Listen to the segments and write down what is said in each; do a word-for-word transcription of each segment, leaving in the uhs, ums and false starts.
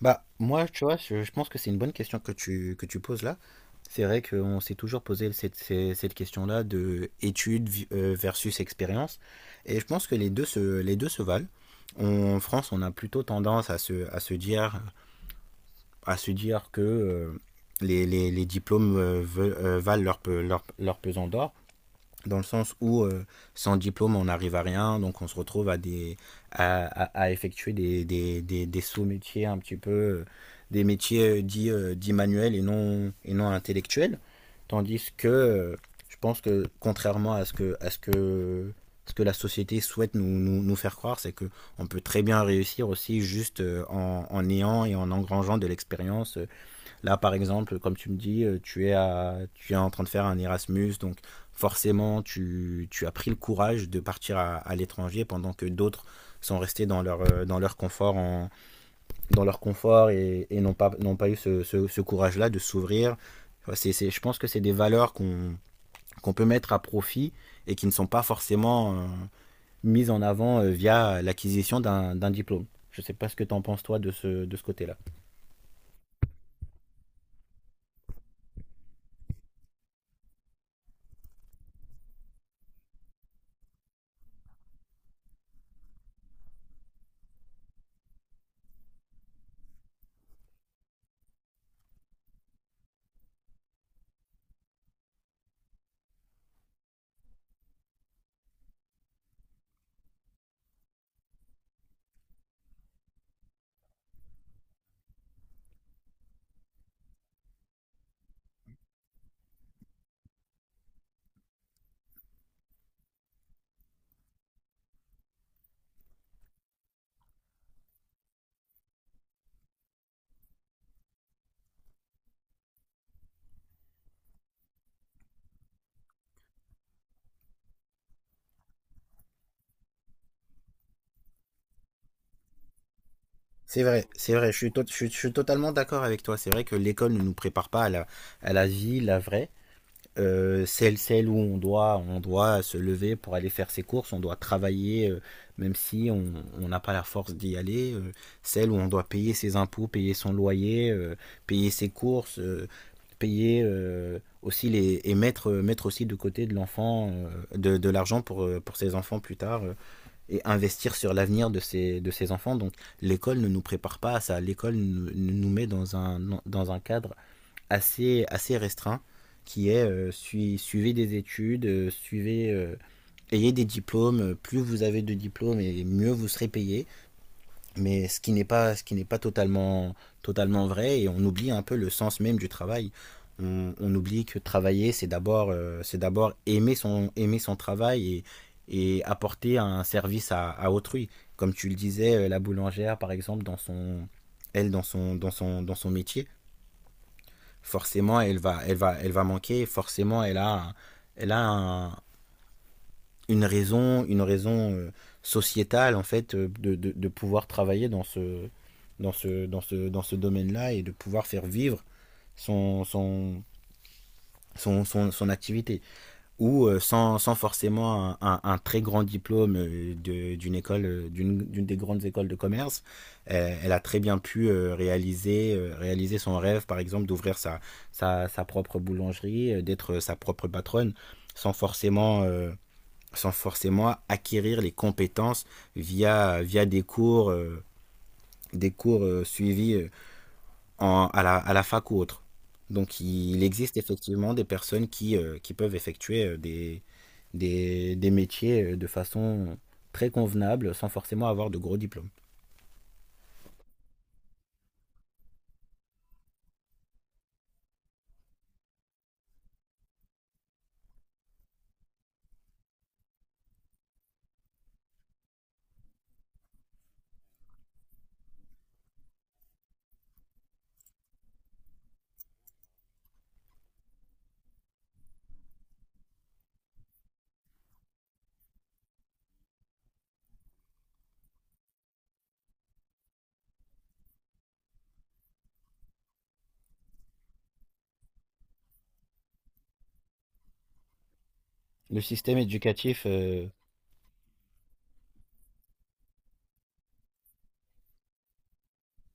Bah, moi, tu vois, je, je pense que c'est une bonne question que tu, que tu poses là. C'est vrai qu'on s'est toujours posé cette, ces- cette question-là de études vi- euh, versus expérience. Et je pense que les deux se, les deux se valent. On- en France, on a plutôt tendance à se, à se dire, à se dire que euh, les, les- les diplômes euh, ve- euh, valent leur, pe- leur, leur pesant d'or, dans le sens où euh, sans diplôme on n'arrive à rien, donc on se retrouve à des à, à- à effectuer des, des, des, des sous-métiers un petit peu, euh, des métiers euh, dits, euh, dits manuels et non et non intellectuels, tandis que euh, je pense que, contrairement à ce que à ce que ce que la société souhaite nous, nous, nous faire croire, c'est qu'on peut très bien réussir aussi juste euh, en, en ayant et en engrangeant de l'expérience. euh, Là, par exemple, comme tu me dis, euh, tu es, à, tu es en train de faire un Erasmus, donc forcément, tu, tu as pris le courage de partir à, à l'étranger pendant que d'autres sont restés dans leur, euh, dans leur confort, en, dans leur confort et, et n'ont pas, n'ont pas eu ce, ce, ce courage-là de s'ouvrir. Enfin, C'est, c'est, je pense que c'est des valeurs qu'on, qu'on peut mettre à profit et qui ne sont pas forcément euh, mises en avant, euh, via l'acquisition d'un, d'un diplôme. Je ne sais pas ce que tu en penses, toi, de ce, de ce côté-là. C'est vrai, c'est vrai, je suis, tot- je suis- je suis totalement d'accord avec toi. C'est vrai que l'école ne nous prépare pas à la, à la vie, la vraie. Euh, celle, celle où on doit, on doit se lever pour aller faire ses courses, on doit travailler euh, même si on on n'a pas la force d'y aller. Euh, celle où on doit payer ses impôts, payer son loyer, euh, payer ses courses, euh, payer euh, aussi les, et mettre, euh, mettre aussi de côté de l'enfant, euh, de, de l'argent pour, euh, pour ses enfants plus tard, euh et investir sur l'avenir de ces, de ses enfants. Donc l'école ne nous prépare pas à ça. L'école nous, nous met dans un, dans un cadre assez, assez restreint, qui est euh, su- suivez des études, euh, suivez, euh, ayez des diplômes. Plus vous avez de diplômes, et mieux vous serez payé. Mais ce qui n'est pas ce qui n'est pas totalement totalement vrai, et on oublie un peu le sens même du travail. On, on oublie que travailler, c'est d'abord euh, c'est d'abord aimer son aimer son travail et, et apporter un service à, à autrui, comme tu le disais, euh, la boulangère par exemple, dans son elle dans son dans son dans son métier, forcément elle va elle va elle va manquer forcément, elle a un- elle a un, une raison, une raison euh, sociétale en fait, euh, de, de, de pouvoir travailler dans ce, dans ce, dans ce, dans ce domaine-là, et de pouvoir faire vivre son, son, son, son, son activité. Ou euh, sans, sans forcément un, un, un très grand diplôme, euh, de- d'une école, euh, d'une d'une des grandes écoles de commerce, euh, elle a très bien pu, euh, réaliser, euh, réaliser son rêve, par exemple, d'ouvrir sa, sa, sa propre boulangerie, euh, d'être, euh, sa propre patronne, sans forcément euh, sans forcément acquérir les compétences via, via des cours, euh, des cours euh, suivis euh, en, à, la, à la fac ou autre. Donc il existe effectivement des personnes qui, euh, qui peuvent effectuer, euh, des, des, des métiers euh, de façon très convenable, sans forcément avoir de gros diplômes. Le système éducatif, euh,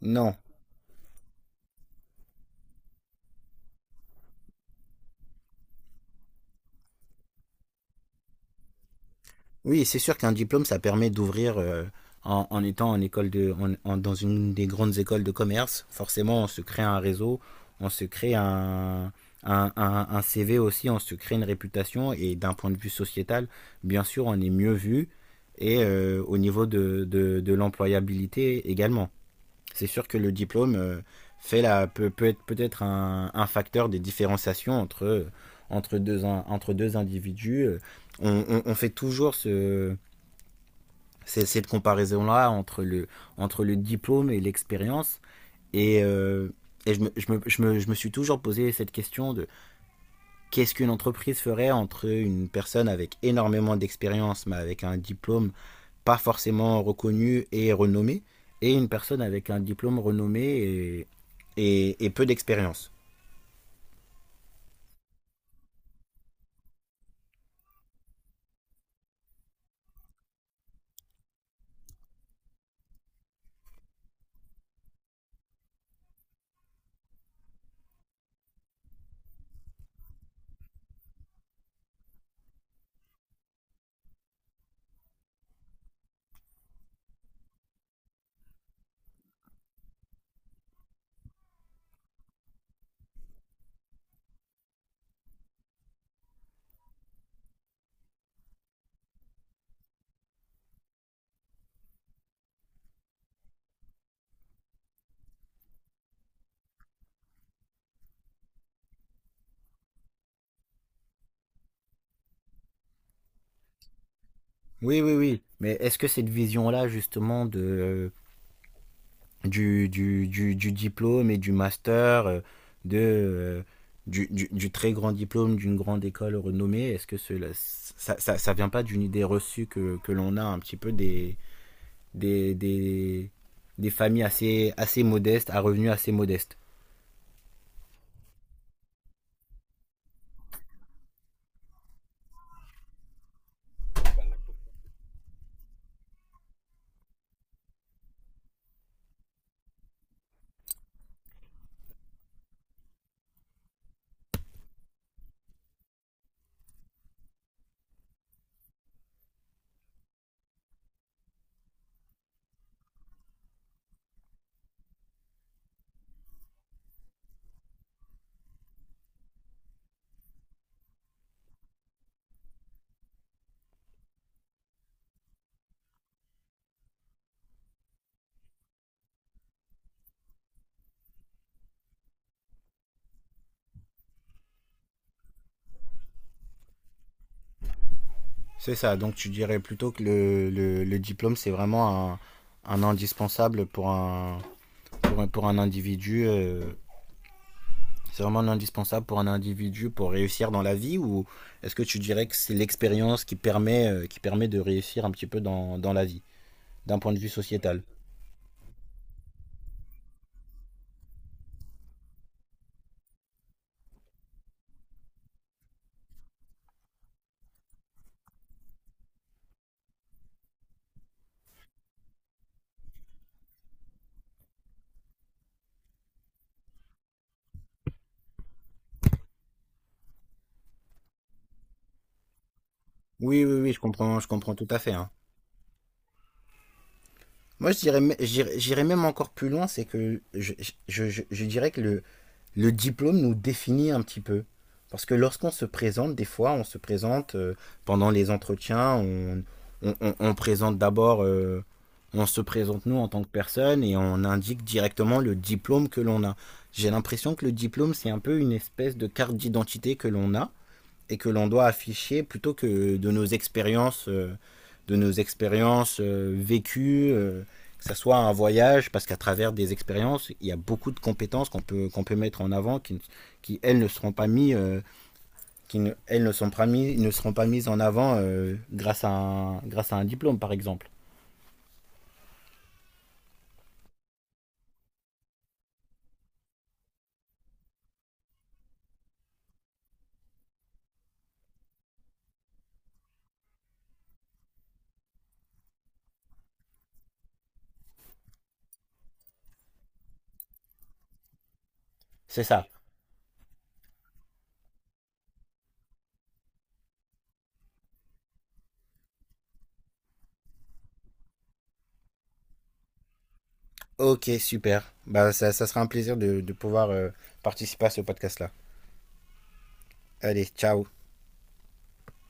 non. Oui, c'est sûr qu'un diplôme, ça permet d'ouvrir, euh, en, en étant en école de, en- en- dans une des grandes écoles de commerce. Forcément, on se crée un réseau, on se crée un, un, un- un C V aussi, on se crée une réputation, et d'un point de vue sociétal, bien sûr, on est mieux vu, et euh, au niveau de, de, de l'employabilité également. C'est sûr que le diplôme euh, fait la, peut, peut être peut-être un, un facteur des différenciations entre, euh, entre, deux, entre deux individus. euh. On, on- on fait toujours ce, cette comparaison-là entre le, entre le diplôme et l'expérience. Et, euh, et je, me, je, me, je, me, je me suis toujours posé cette question de qu'est-ce qu'une entreprise ferait entre une personne avec énormément d'expérience mais avec un diplôme pas forcément reconnue et renommée, et une personne avec un diplôme renommé et, et, et peu d'expérience. Oui, oui, oui. Mais est-ce que cette vision-là, justement, de, euh, du, du, du, du diplôme et du master, euh, de, euh, du, du, du très grand diplôme d'une grande école renommée, est-ce que cela, ça, ça, ça vient pas d'une idée reçue que, que l'on a un petit peu des, des, des, des familles assez, assez modestes, à revenus assez modestes? C'est ça, donc tu dirais plutôt que le, le, le diplôme, c'est vraiment un, un indispensable pour un, pour un, pour un individu. Euh, c'est vraiment un indispensable pour un individu pour réussir dans la vie, ou est-ce que tu dirais que c'est l'expérience qui permet, euh, qui permet de réussir un petit peu dans, dans la vie, d'un point de vue sociétal? Oui, oui, oui, je comprends, je comprends tout à fait, hein. Moi, je dirais, me- j'irais j'irais même encore plus loin, c'est que je, je, je, je dirais que le, le diplôme nous définit un petit peu. Parce que lorsqu'on se présente, des fois, on se présente, euh, pendant les entretiens, on, on, on- on présente d'abord, euh, on se présente nous en tant que personne et on indique directement le diplôme que l'on a. J'ai l'impression que le diplôme, c'est un peu une espèce de carte d'identité que l'on a et que l'on doit afficher plutôt que de nos expériences, euh, de nos expériences euh, vécues, euh, que ça soit un voyage, parce qu'à travers des expériences, il y a beaucoup de compétences qu'on peut, qu'on peut mettre en avant, qui, qui elles ne seront pas mises, euh, qui ne, elles ne sont pas mises, ne seront pas mises en avant, euh, grâce à un, grâce à un diplôme, par exemple. C'est ça. Ok, super. Bah, ça, ça sera un plaisir de, de pouvoir, euh, participer à ce podcast-là. Allez, ciao.